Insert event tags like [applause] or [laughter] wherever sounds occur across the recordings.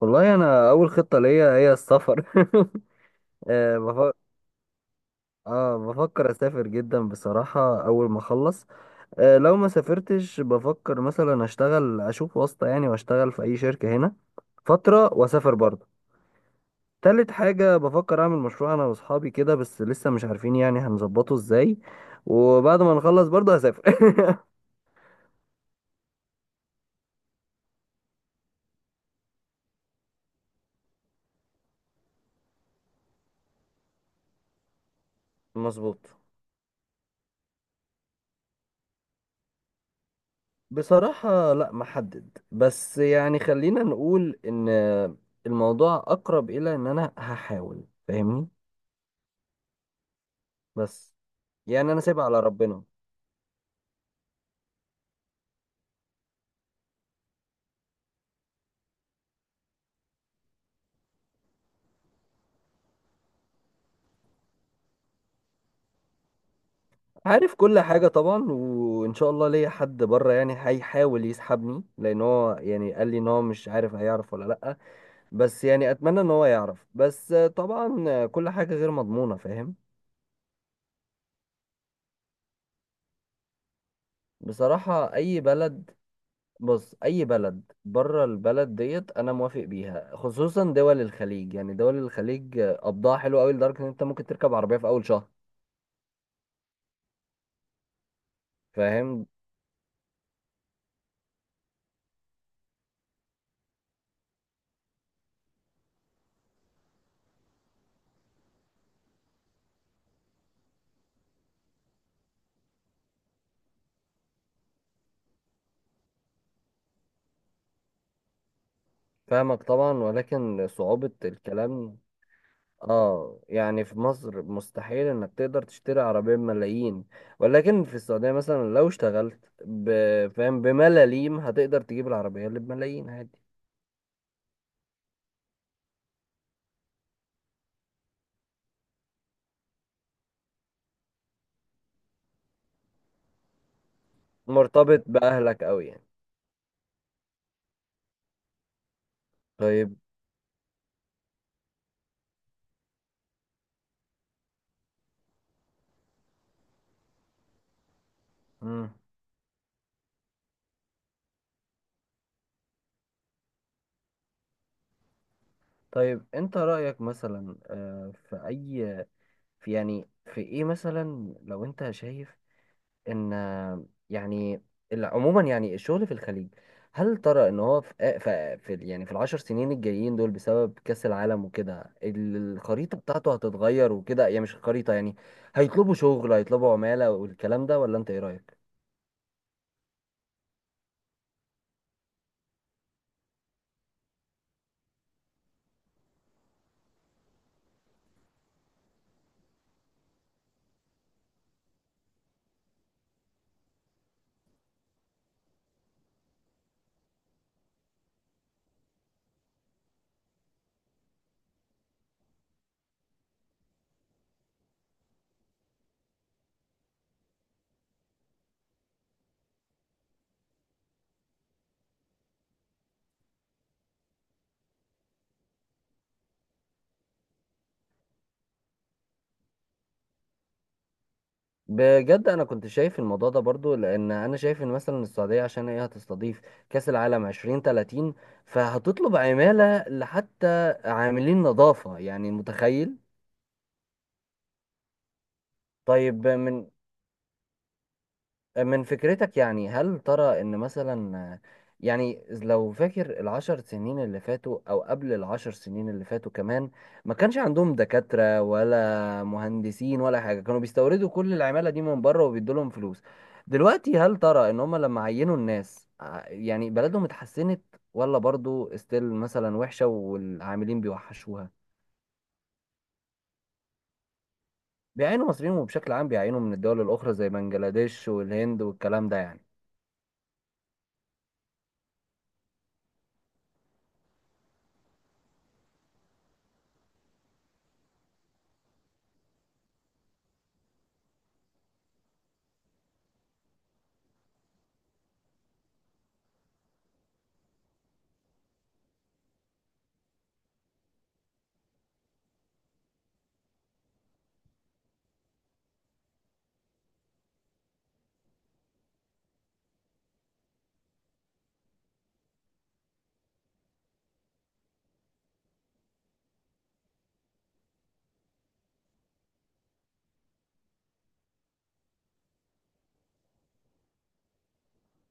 والله انا اول خطه ليا هي السفر. [laughs] آه، بف... اه بفكر اسافر جدا بصراحه اول ما اخلص. لو ما سافرتش بفكر مثلا اشتغل، اشوف واسطه يعني واشتغل في اي شركه هنا فتره واسافر برضه. تالت حاجه بفكر اعمل مشروع انا واصحابي كده، بس لسه مش عارفين يعني هنظبطه ازاي. وبعد ما نخلص برضه هسافر. [laughs] مظبوط. بصراحة لا محدد، بس يعني خلينا نقول ان الموضوع اقرب الى ان انا هحاول، فاهمني. بس يعني انا سايبها على ربنا. عارف كل حاجة طبعا، وان شاء الله ليا حد بره يعني هيحاول يسحبني، لان هو يعني قال لي ان هو مش عارف هيعرف ولا لا. بس يعني اتمنى ان هو يعرف، بس طبعا كل حاجة غير مضمونة، فاهم. بصراحة اي بلد. بص، اي بلد بره البلد ديت انا موافق بيها، خصوصا دول الخليج. يعني دول الخليج قبضها حلو قوي، لدرجه ان انت ممكن تركب عربيه في اول شهر، فاهم. فاهمك طبعا، ولكن صعوبه الكلام. اه يعني في مصر مستحيل انك تقدر تشتري عربيه بملايين، ولكن في السعوديه مثلا لو اشتغلت فاهم، بملاليم هتقدر تجيب العربيه اللي بملايين عادي. مرتبط باهلك قوي يعني. طيب. مم. طيب انت رأيك مثلا، في اي، في يعني في ايه، مثلا لو انت شايف ان يعني عموما يعني الشغل في الخليج، هل ترى ان هو في يعني في العشر سنين الجايين دول، بسبب كأس العالم وكده، الخريطة بتاعته هتتغير وكده، يعني مش الخريطة، يعني هيطلبوا شغل، هيطلبوا عمالة والكلام ده، ولا انت ايه رأيك؟ بجد انا كنت شايف الموضوع ده برضو، لان انا شايف ان مثلا السعوديه عشان هي هتستضيف كاس العالم 2030، فهتطلب عماله لحتى عاملين نظافه، يعني متخيل. طيب، من فكرتك، يعني هل ترى ان مثلا، يعني لو فاكر العشر سنين اللي فاتوا او قبل العشر سنين اللي فاتوا كمان، ما كانش عندهم دكاترة ولا مهندسين ولا حاجة، كانوا بيستوردوا كل العمالة دي من بره وبيدوا لهم فلوس. دلوقتي هل ترى ان هم لما عينوا الناس يعني بلدهم اتحسنت، ولا برضو استيل مثلا وحشة والعاملين بيوحشوها؟ بيعينوا مصريين، وبشكل عام بيعينوا من الدول الاخرى زي بنجلاديش والهند والكلام ده يعني.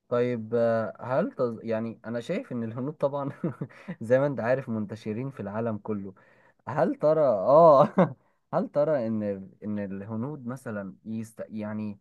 طيب، يعني أنا شايف إن الهنود طبعا [laughs] زي ما أنت عارف منتشرين في العالم كله. هل ترى، [laughs] هل ترى إن الهنود مثلا يعني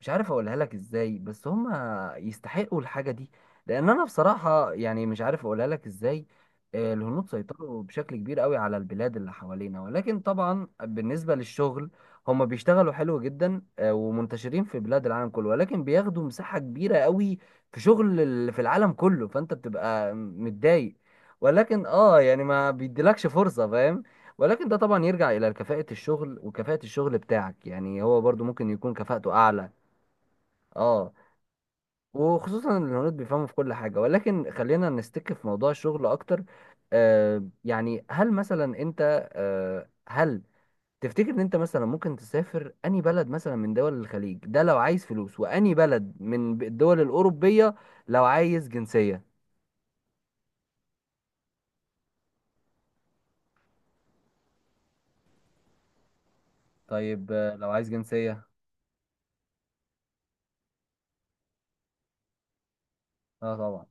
مش عارف أقولها لك إزاي، بس هم يستحقوا الحاجة دي، لأن أنا بصراحة يعني مش عارف أقولها لك إزاي. الهنود سيطروا بشكل كبير قوي على البلاد اللي حوالينا، ولكن طبعا بالنسبة للشغل هم بيشتغلوا حلو جدا، ومنتشرين في بلاد العالم كله، ولكن بياخدوا مساحة كبيرة قوي في شغل في العالم كله، فانت بتبقى متضايق. ولكن يعني ما بيديلكش فرصة، فاهم. ولكن ده طبعا يرجع الى كفاءة الشغل، وكفاءة الشغل بتاعك يعني هو برضو ممكن يكون كفاءته اعلى. اه وخصوصا إن الهنود بيفهموا في كل حاجة، ولكن خلينا نستك في موضوع الشغل اكتر. يعني هل مثلا انت، هل تفتكر ان انت مثلا ممكن تسافر اني بلد مثلا من دول الخليج ده لو عايز فلوس، واني بلد من الدول الاوروبية لو عايز جنسية. طيب، لو عايز جنسية. اه طبعا.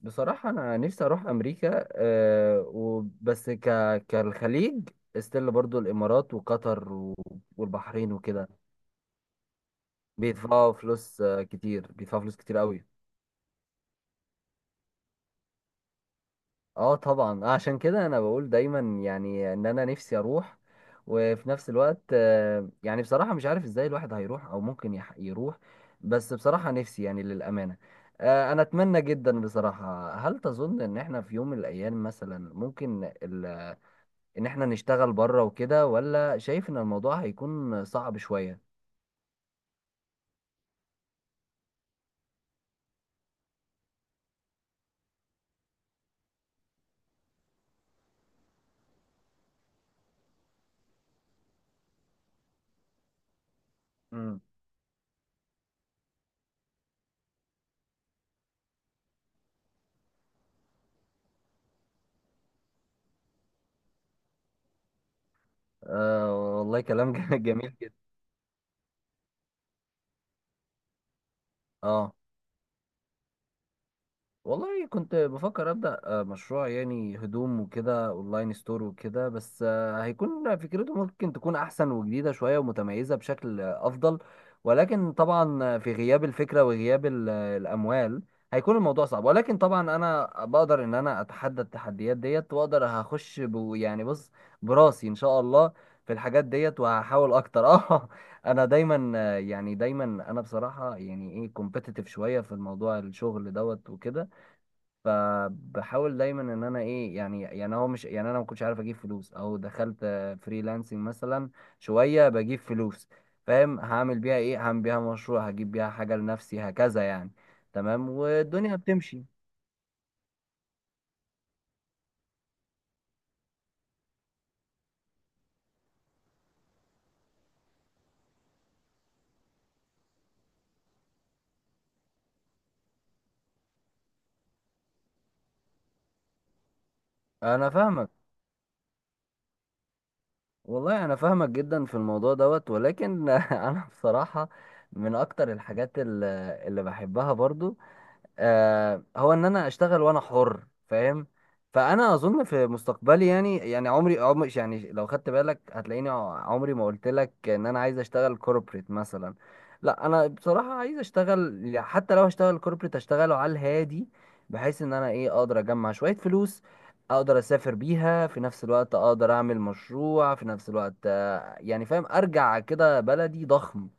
بصراحة أنا نفسي أروح أمريكا، وبس كالخليج استيل، برضو الإمارات وقطر والبحرين وكده، بيدفعوا فلوس كتير، بيدفعوا فلوس كتير قوي. اه طبعا، عشان كده انا بقول دايما، يعني ان انا نفسي اروح. وفي نفس الوقت يعني بصراحة مش عارف ازاي الواحد هيروح، او ممكن يروح. بس بصراحة نفسي يعني، للأمانة، انا اتمنى جدا بصراحة. هل تظن ان احنا في يوم من الايام مثلا ممكن ان احنا نشتغل بره وكده، ولا شايف ان الموضوع هيكون صعب شوية؟ مم. أه والله كلام [laughs] جميل جدا. اه والله كنت بفكر أبدأ مشروع يعني هدوم وكده، أونلاين ستور وكده، بس هيكون فكرته ممكن تكون أحسن وجديدة شوية ومتميزة بشكل أفضل. ولكن طبعا في غياب الفكرة وغياب الأموال هيكون الموضوع صعب. ولكن طبعا أنا بقدر إن أنا أتحدى التحديات ديت، وأقدر هخش يعني بص، براسي إن شاء الله، في الحاجات ديت، وهحاول أكتر. [laughs] أه. انا دايما، يعني دايما انا بصراحه يعني ايه، كومبيتيتيف شويه في الموضوع الشغل دوت وكده. فبحاول دايما ان انا ايه، يعني هو مش، يعني انا ما كنتش عارف اجيب فلوس، او دخلت فريلانسنج مثلا شويه بجيب فلوس، فاهم. هعمل بيها ايه؟ هعمل بيها مشروع، هجيب بيها حاجه لنفسي، هكذا يعني. تمام، والدنيا بتمشي. انا فاهمك. والله انا فاهمك جدا في الموضوع دوت، ولكن [laughs] انا بصراحه من اكتر الحاجات اللي بحبها برضو، هو ان انا اشتغل وانا حر، فاهم. فانا اظن في مستقبلي، يعني عمري عمري، يعني لو خدت بالك هتلاقيني عمري ما قلت لك ان انا عايز اشتغل كوربريت مثلا. لا انا بصراحة عايز اشتغل، يعني حتى لو هشتغل كوربريت اشتغله على الهادي، بحيث ان انا ايه اقدر اجمع شوية فلوس، اقدر اسافر بيها في نفس الوقت، اقدر اعمل مشروع في نفس الوقت، يعني فاهم، ارجع كده بلدي ضخم.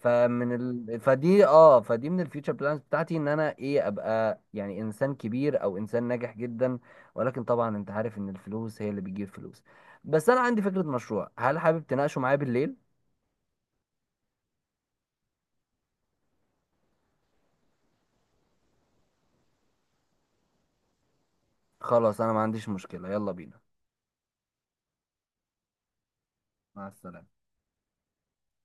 فمن فدي من الفيوتشر بلانز بتاعتي، ان انا ايه، ابقى يعني انسان كبير، او انسان ناجح جدا. ولكن طبعا انت عارف ان الفلوس هي اللي بتجيب فلوس. بس انا عندي فكرة مشروع، هل حابب تناقشه معايا بالليل؟ خلاص، انا ما عنديش مشكلة، يلا بينا. مع السلامة.